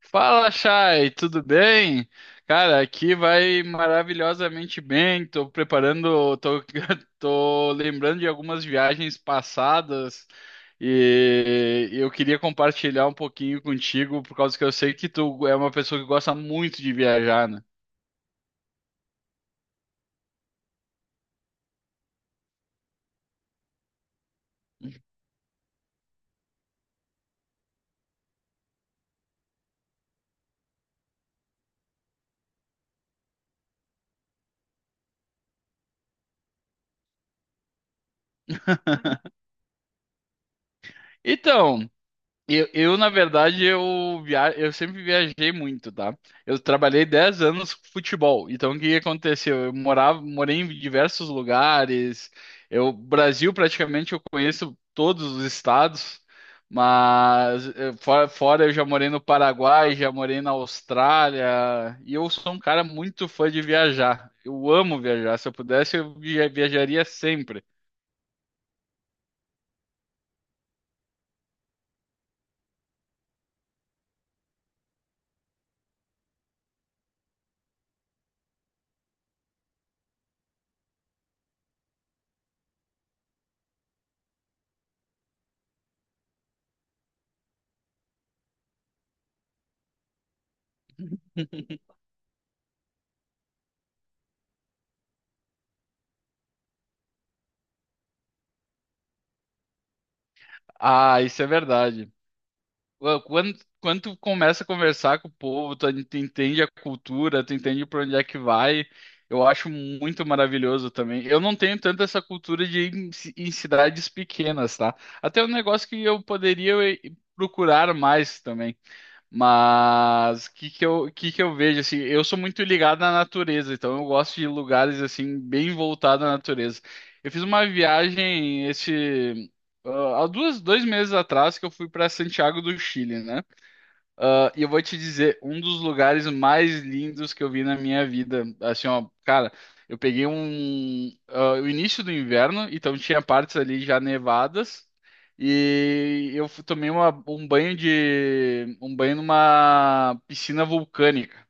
Fala, Chay, tudo bem? Cara, aqui vai maravilhosamente bem. Tô lembrando de algumas viagens passadas e eu queria compartilhar um pouquinho contigo, por causa que eu sei que tu é uma pessoa que gosta muito de viajar, né? Então, na verdade, eu sempre viajei muito, tá? Eu trabalhei 10 anos com futebol. Então, o que que aconteceu? Morei em diversos lugares. Eu, Brasil, praticamente, eu conheço todos os estados. Mas, fora, eu já morei no Paraguai, já morei na Austrália. E eu sou um cara muito fã de viajar. Eu amo viajar. Se eu pudesse, viajaria sempre. Ah, isso é verdade. Quando tu começa a conversar com o povo, tu entende a cultura, tu entende para onde é que vai. Eu acho muito maravilhoso também. Eu não tenho tanto essa cultura de em cidades pequenas, tá? Até um negócio que eu poderia procurar mais também. Mas o que que eu vejo assim, eu sou muito ligado na natureza, então eu gosto de lugares assim bem voltados à natureza. Eu fiz uma viagem há 2 meses atrás que eu fui para Santiago do Chile, né? Ah, e eu vou te dizer, um dos lugares mais lindos que eu vi na minha vida. Assim, ó, cara, eu peguei o início do inverno, então tinha partes ali já nevadas. E tomei um banho numa piscina vulcânica.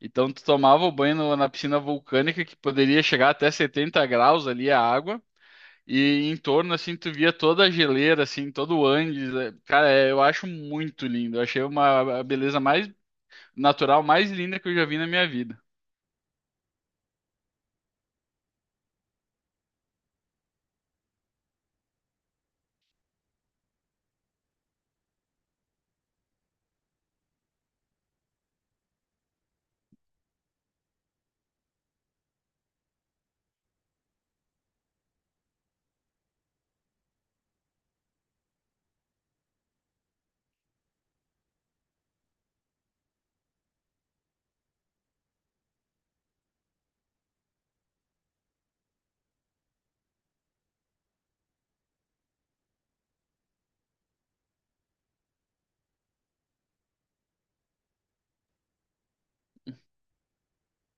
Então tu tomava o banho na piscina vulcânica que poderia chegar até 70 graus ali a água. E em torno, assim, tu via toda a geleira, assim, todo o Andes. Cara, é, eu acho muito lindo. Eu achei uma a beleza mais natural, mais linda que eu já vi na minha vida.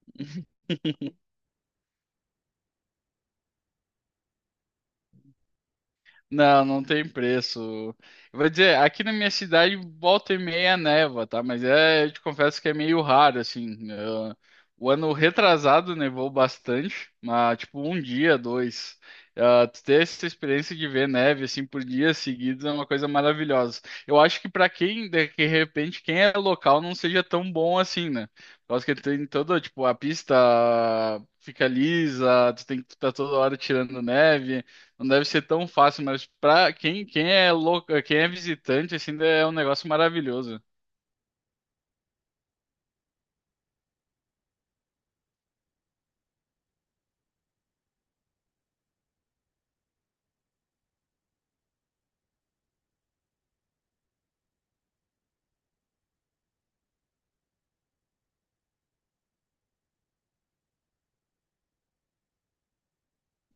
Não, não tem preço. Eu vou dizer, aqui na minha cidade volta e meia neva, tá? Mas é, eu te confesso que é meio raro, assim. O ano retrasado nevou bastante, mas tipo um dia, dois. Ah, tu ter essa experiência de ver neve assim por dias seguidos é uma coisa maravilhosa. Eu acho que pra quem de repente quem é local não seja tão bom assim, né? Por causa que tem toda tipo a pista fica lisa, tu tem que estar toda hora tirando neve. Não deve ser tão fácil, mas pra quem é louco, quem é visitante, assim, é um negócio maravilhoso.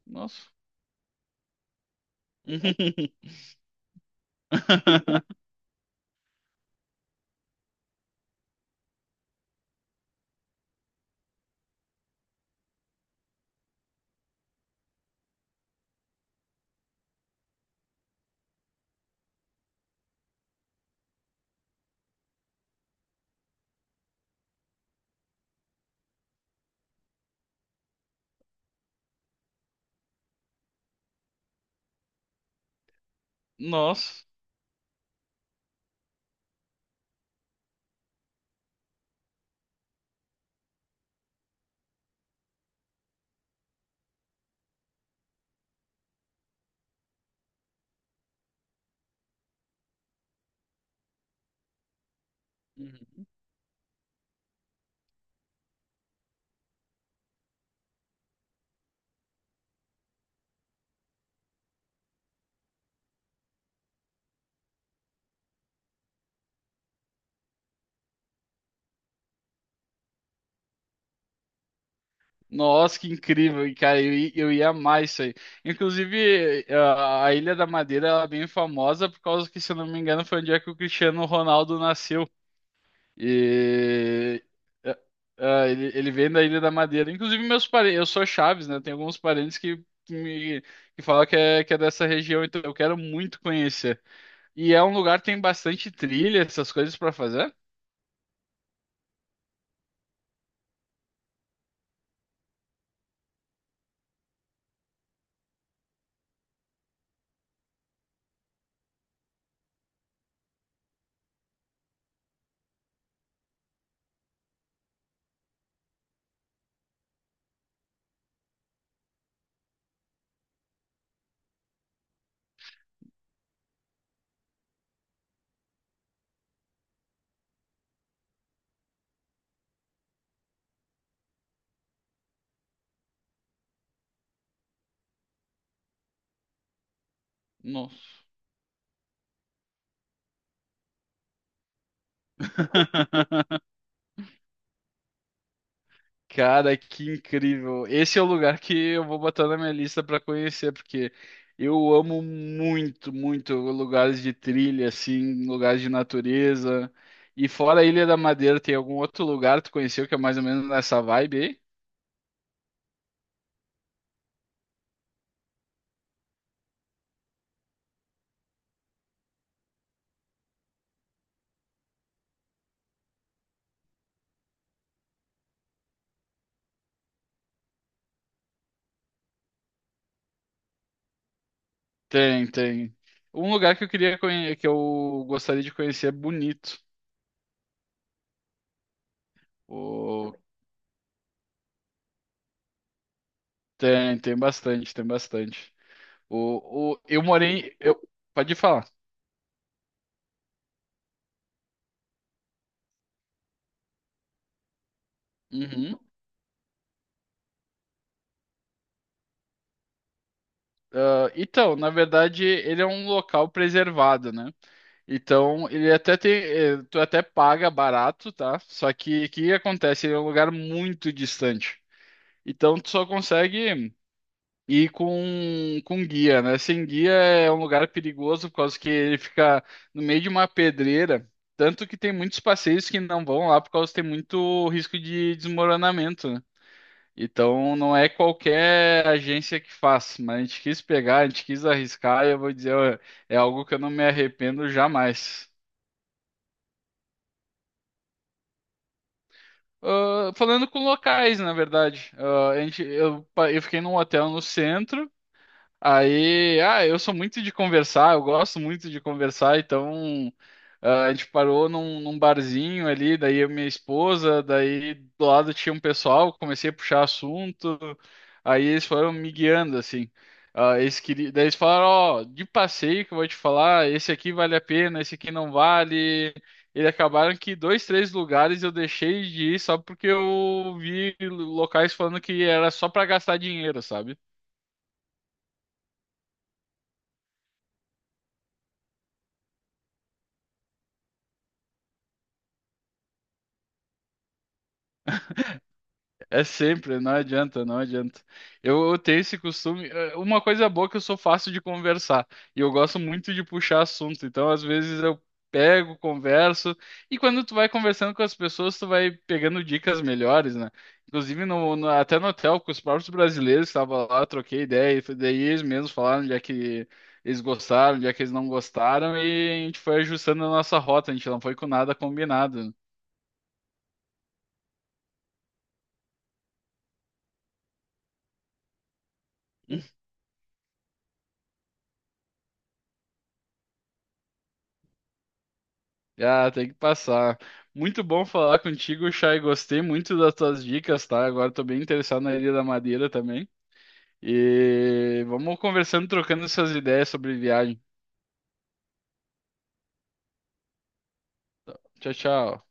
Nossa. Nossa. Uhum. Nossa, que incrível, e, cara, eu ia amar isso aí. Inclusive, a Ilha da Madeira ela é bem famosa por causa que, se eu não me engano, foi onde é que o Cristiano Ronaldo nasceu. E é, é, ele vem da Ilha da Madeira. Inclusive, meus parentes, eu sou Chaves, né? Tem alguns parentes que, me, que falam que é dessa região, então eu quero muito conhecer. E é um lugar que tem bastante trilha, essas coisas para fazer? Nossa. Cara, que incrível. Esse é o lugar que eu vou botar na minha lista para conhecer, porque eu amo muito, muito lugares de trilha, assim, lugares de natureza. E fora a Ilha da Madeira, tem algum outro lugar que tu conheceu que é mais ou menos nessa vibe aí? Tem, tem. Um lugar que eu queria conhecer, que eu gostaria de conhecer é Bonito. O... Tem, tem bastante, tem bastante. Eu morei. Eu... Pode falar. Uhum. Ah, então, na verdade, ele é um local preservado, né? Então, ele até tem, tu até paga barato, tá? Só que o que acontece? Ele é um lugar muito distante. Então, tu só consegue ir com guia, né? Sem guia é um lugar perigoso por causa que ele fica no meio de uma pedreira. Tanto que tem muitos passeios que não vão lá por causa que tem muito risco de desmoronamento, né? Então não é qualquer agência que faz, mas a gente quis pegar, a gente quis arriscar e eu vou dizer, ó, é algo que eu não me arrependo jamais. Ah, falando com locais, na verdade. Ah, a gente, eu, pa- eu fiquei num hotel no centro. Aí, ah, eu sou muito de conversar, eu gosto muito de conversar, então ah, a gente parou num barzinho ali, daí eu e minha esposa, daí do lado tinha um pessoal, comecei a puxar assunto, aí eles foram me guiando, assim. Ah, eles queriam, daí eles falaram, ó, de passeio que eu vou te falar, esse aqui vale a pena, esse aqui não vale. Eles acabaram que dois, três lugares eu deixei de ir só porque eu vi locais falando que era só para gastar dinheiro, sabe? É sempre, não adianta, não adianta. Eu tenho esse costume. Uma coisa boa é que eu sou fácil de conversar e eu gosto muito de puxar assunto. Então, às vezes eu pego, converso e quando tu vai conversando com as pessoas, tu vai pegando dicas melhores, né? Inclusive até no hotel com os próprios brasileiros que estavam lá, eu troquei ideia daí eles mesmos falaram onde é que eles gostaram, onde é que eles não gostaram e a gente foi ajustando a nossa rota. A gente não foi com nada combinado. Ah, tem que passar. Muito bom falar contigo, Chay. Gostei muito das tuas dicas, tá? Agora tô bem interessado na Ilha da Madeira também. E vamos conversando, trocando essas ideias sobre viagem. Tchau, tchau.